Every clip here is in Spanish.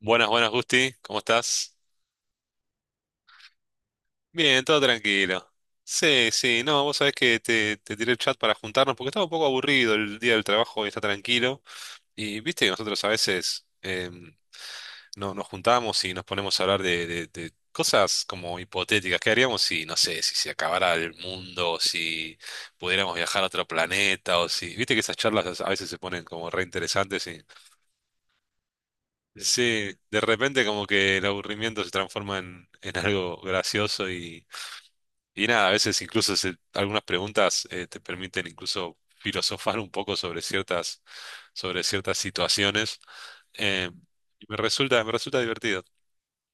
Buenas, buenas, Gusti. ¿Cómo estás? Bien, todo tranquilo. Sí, sí, no, vos sabés que te tiré el chat para juntarnos porque estaba un poco aburrido el día del trabajo y está tranquilo. Y viste que nosotros a veces no, nos juntamos y nos ponemos a hablar de cosas como hipotéticas. ¿Qué haríamos si, no sé, si se acabara el mundo, o si pudiéramos viajar a otro planeta o si... Viste que esas charlas a veces se ponen como re interesantes y... Sí, de repente como que el aburrimiento se transforma en algo gracioso. Y nada, a veces incluso se- algunas preguntas te permiten incluso filosofar un poco sobre sobre ciertas situaciones. Eh, y me resulta divertido.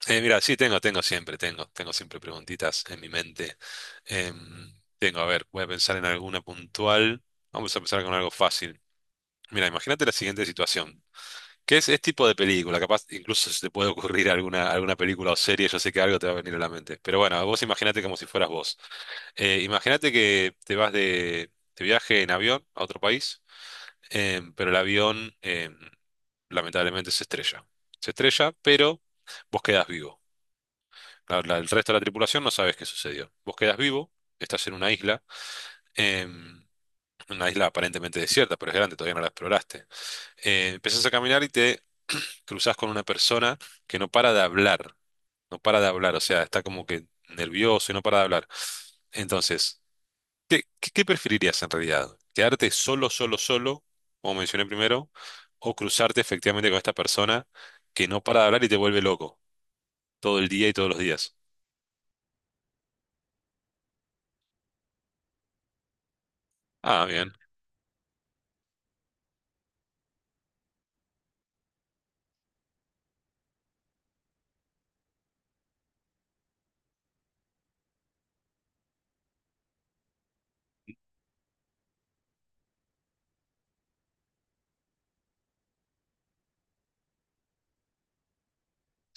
Mira, sí, tengo siempre preguntitas en mi mente. Eh, Tengo, a ver, voy a pensar en alguna puntual. Vamos a empezar con algo fácil. Mira, imagínate la siguiente situación. ¿Qué es, este tipo de película? Capaz incluso se te puede ocurrir alguna película o serie, yo sé que algo te va a venir a la mente. Pero bueno, vos imagínate como si fueras vos. Imagínate que te vas de viaje en avión a otro país, pero el avión lamentablemente se estrella. Se estrella, pero vos quedás vivo. El resto de la tripulación no sabes qué sucedió. Vos quedás vivo, estás en eh, una isla aparentemente desierta, pero es grande, todavía no la exploraste. Empezás a caminar y te cruzás con una persona que no para de hablar. No para de hablar, o sea, está como que nervioso y no para de hablar. Entonces, ¿qué preferirías en realidad? ¿Quedarte solo, solo, solo, como mencioné primero, o cruzarte efectivamente con esta persona que no para de hablar y te vuelve loco todo el día y todos los días? Ah, bien,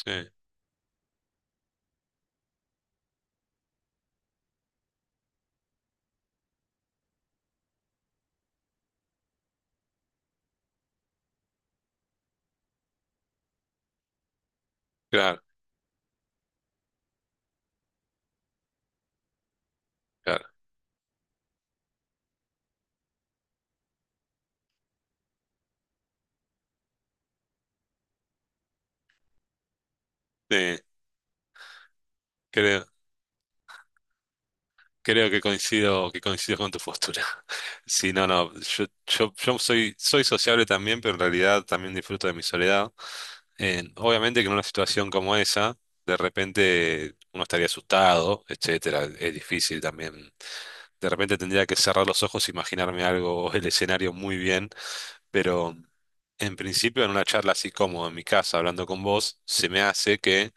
sí, claro, claro. Sí, creo, creo que coincido con tu postura. Sí, no, no, yo soy sociable también, pero en realidad también disfruto de mi soledad. Obviamente que en una situación como esa, de repente uno estaría asustado, etcétera. Es difícil también. De repente tendría que cerrar los ojos, imaginarme algo, el escenario muy bien, pero en principio en una charla así como en mi casa hablando con vos, se me hace que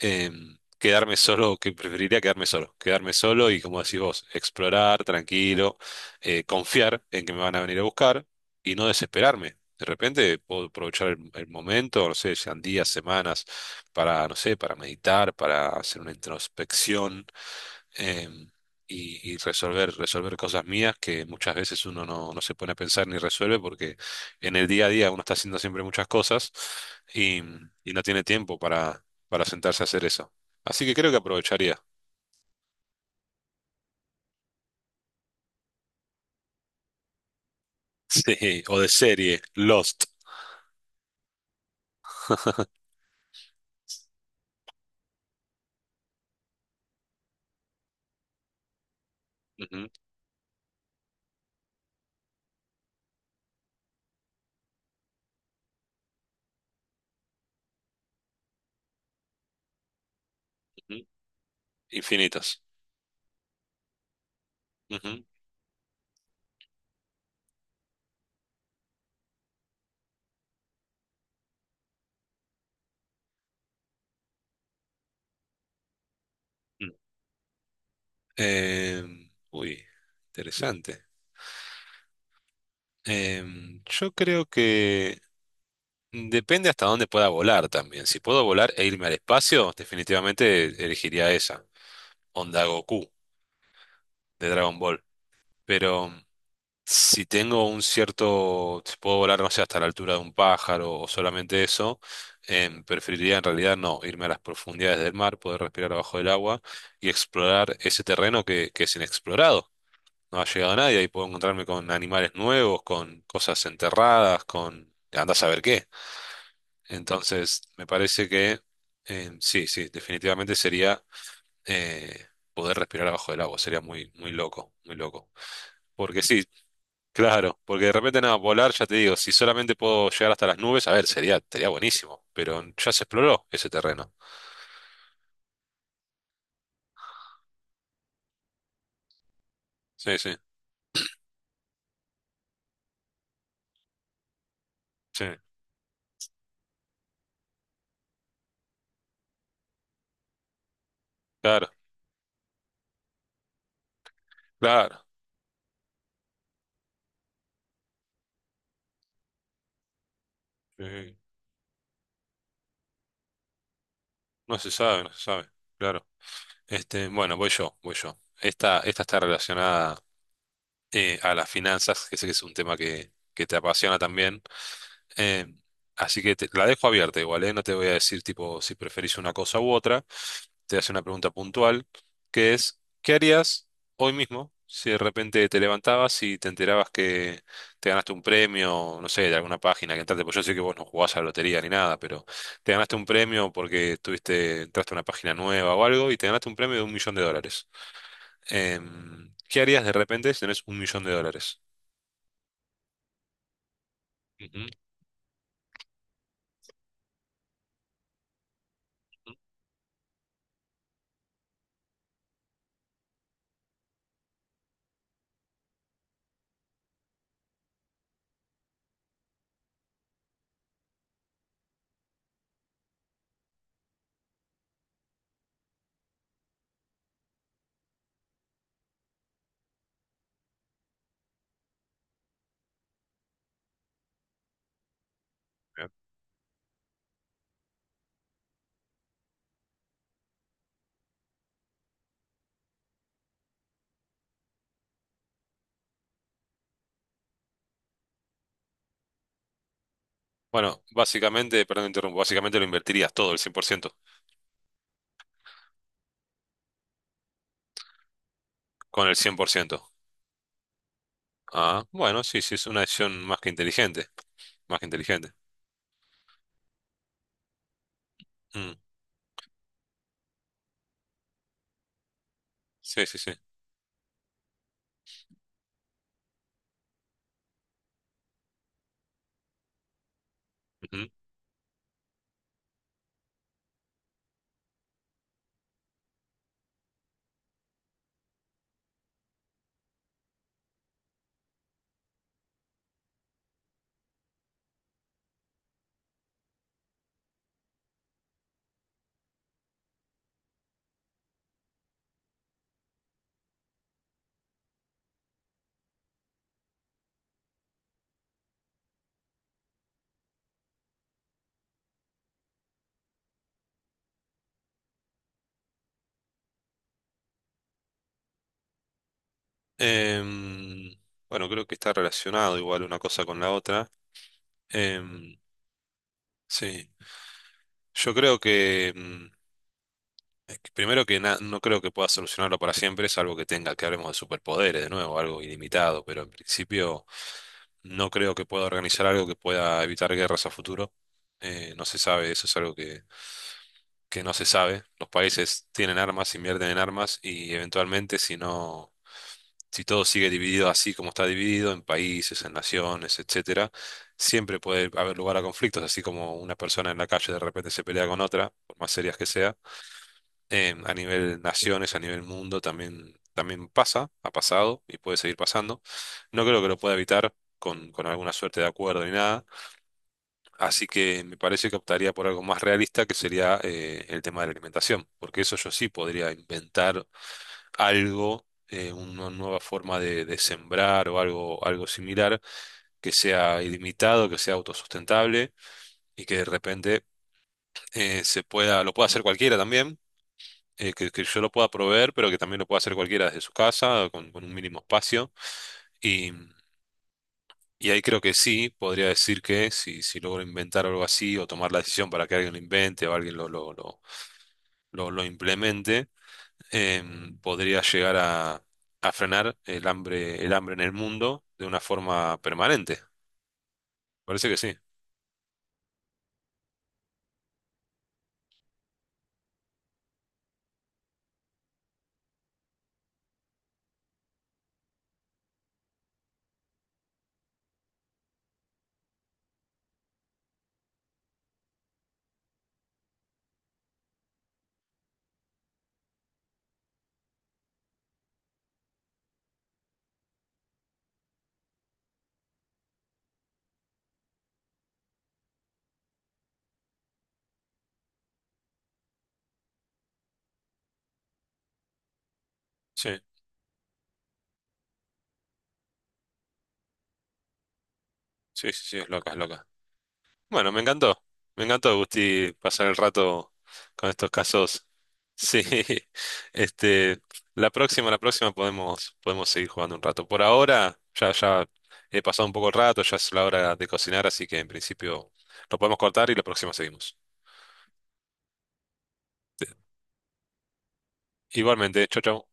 quedarme solo, que preferiría quedarme solo y como decís vos, explorar tranquilo, confiar en que me van a venir a buscar y no desesperarme. De repente puedo aprovechar el momento, no sé, sean días, semanas, para, no sé, para meditar, para hacer una introspección em, y resolver, resolver cosas mías que muchas veces uno no, no se pone a pensar ni resuelve porque en el día a día uno está haciendo siempre muchas cosas y, y no tiene tiempo para sentarse a hacer eso. Así que creo que aprovecharía. Sí, o de serie, Lost. Ujú, ujú. Infinitos. Ujú, mm. Uy, interesante. Yo creo que depende hasta dónde pueda volar también. Si puedo volar e irme al espacio, definitivamente elegiría esa, onda Goku de Dragon Ball. Pero mm, si tengo un cierto, si puedo volar, no sé, hasta la altura de un pájaro o solamente eso, preferiría en realidad no, irme a las profundidades del mar, poder respirar abajo del agua y explorar ese terreno que es inexplorado. No ha llegado nadie y puedo encontrarme con animales nuevos, con cosas enterradas, con... Andás a ver qué. Entonces, me parece que sí, definitivamente sería eh, poder respirar abajo del agua, sería muy, muy loco, muy loco. Porque sí, claro, porque de repente nada, volar, ya te digo, si solamente puedo llegar hasta las nubes, a ver, sería buenísimo, pero ya se exploró ese terreno. Sí, sí, sí, claro, claro. Sí, no se sabe, no se sabe, claro. Este, bueno, voy yo. Esta está relacionada a las finanzas, que sé que es un tema que te apasiona también. Eh, Así que te- la dejo abierta igual, ¿eh? No te voy a decir tipo si preferís una cosa u otra. Te hace una pregunta puntual, que es, ¿qué harías hoy mismo si de repente te levantabas y te enterabas que te ganaste un premio, no sé, de alguna página que entraste? Pues yo sé que vos no jugás a la lotería ni nada, pero te ganaste un premio porque tuviste entraste a una página nueva o algo y te ganaste un premio de un millón de dólares (1.000.000). ¿Qué harías de repente si tenés un millón de dólares (1.000.000)? Ujú. Bueno, básicamente, perdón, me interrumpo, básicamente lo invertirías todo, el 100%, con el 100%. Ah, bueno, sí, sí, es una decisión más que inteligente, más que inteligente. Mm, sí, sí, sí. Ujú. Em, bueno, creo que está relacionado igual una cosa con la otra. Em, sí, yo creo que... mm, es que primero que na- no creo que pueda solucionarlo para siempre, salvo que tenga que hablemos de superpoderes de nuevo, algo ilimitado, pero en principio no creo que pueda organizar algo que pueda evitar guerras a futuro. No se sabe, eso es algo que no se sabe. Los países tienen armas, invierten en armas y eventualmente si no, si todo sigue dividido así como está dividido, en países, en naciones, etcétera, siempre puede haber lugar a conflictos, así como una persona en la calle de repente se pelea con otra, por más serias que sean a nivel naciones, a nivel mundo, también, también pasa, ha pasado y puede seguir pasando. No creo que lo pueda evitar con alguna suerte de acuerdo ni nada. Así que me parece que optaría por algo más realista, que sería el tema de la alimentación, porque eso yo sí podría inventar algo, una nueva forma de sembrar o algo, algo similar, que sea ilimitado, que sea autosustentable y que de repente se pueda, lo pueda hacer cualquiera también, que yo lo pueda proveer, pero que también lo pueda hacer cualquiera desde su casa, con un mínimo espacio. Y, y ahí creo que sí, podría decir que si, si logro inventar algo así o tomar la decisión para que alguien lo invente o alguien lo implemente, podría llegar a frenar el hambre en el mundo de una forma permanente. Parece que sí. Sí, sí, sí, sí, es loca, es loca. Bueno, me encantó. Me encantó, Gusti, pasar el rato con estos casos. Sí, este, la próxima podemos, podemos seguir jugando un rato. Por ahora, ya, ya he pasado un poco el rato, ya es la hora de cocinar, así que en principio lo podemos cortar y la próxima seguimos. Igualmente, chau, chau.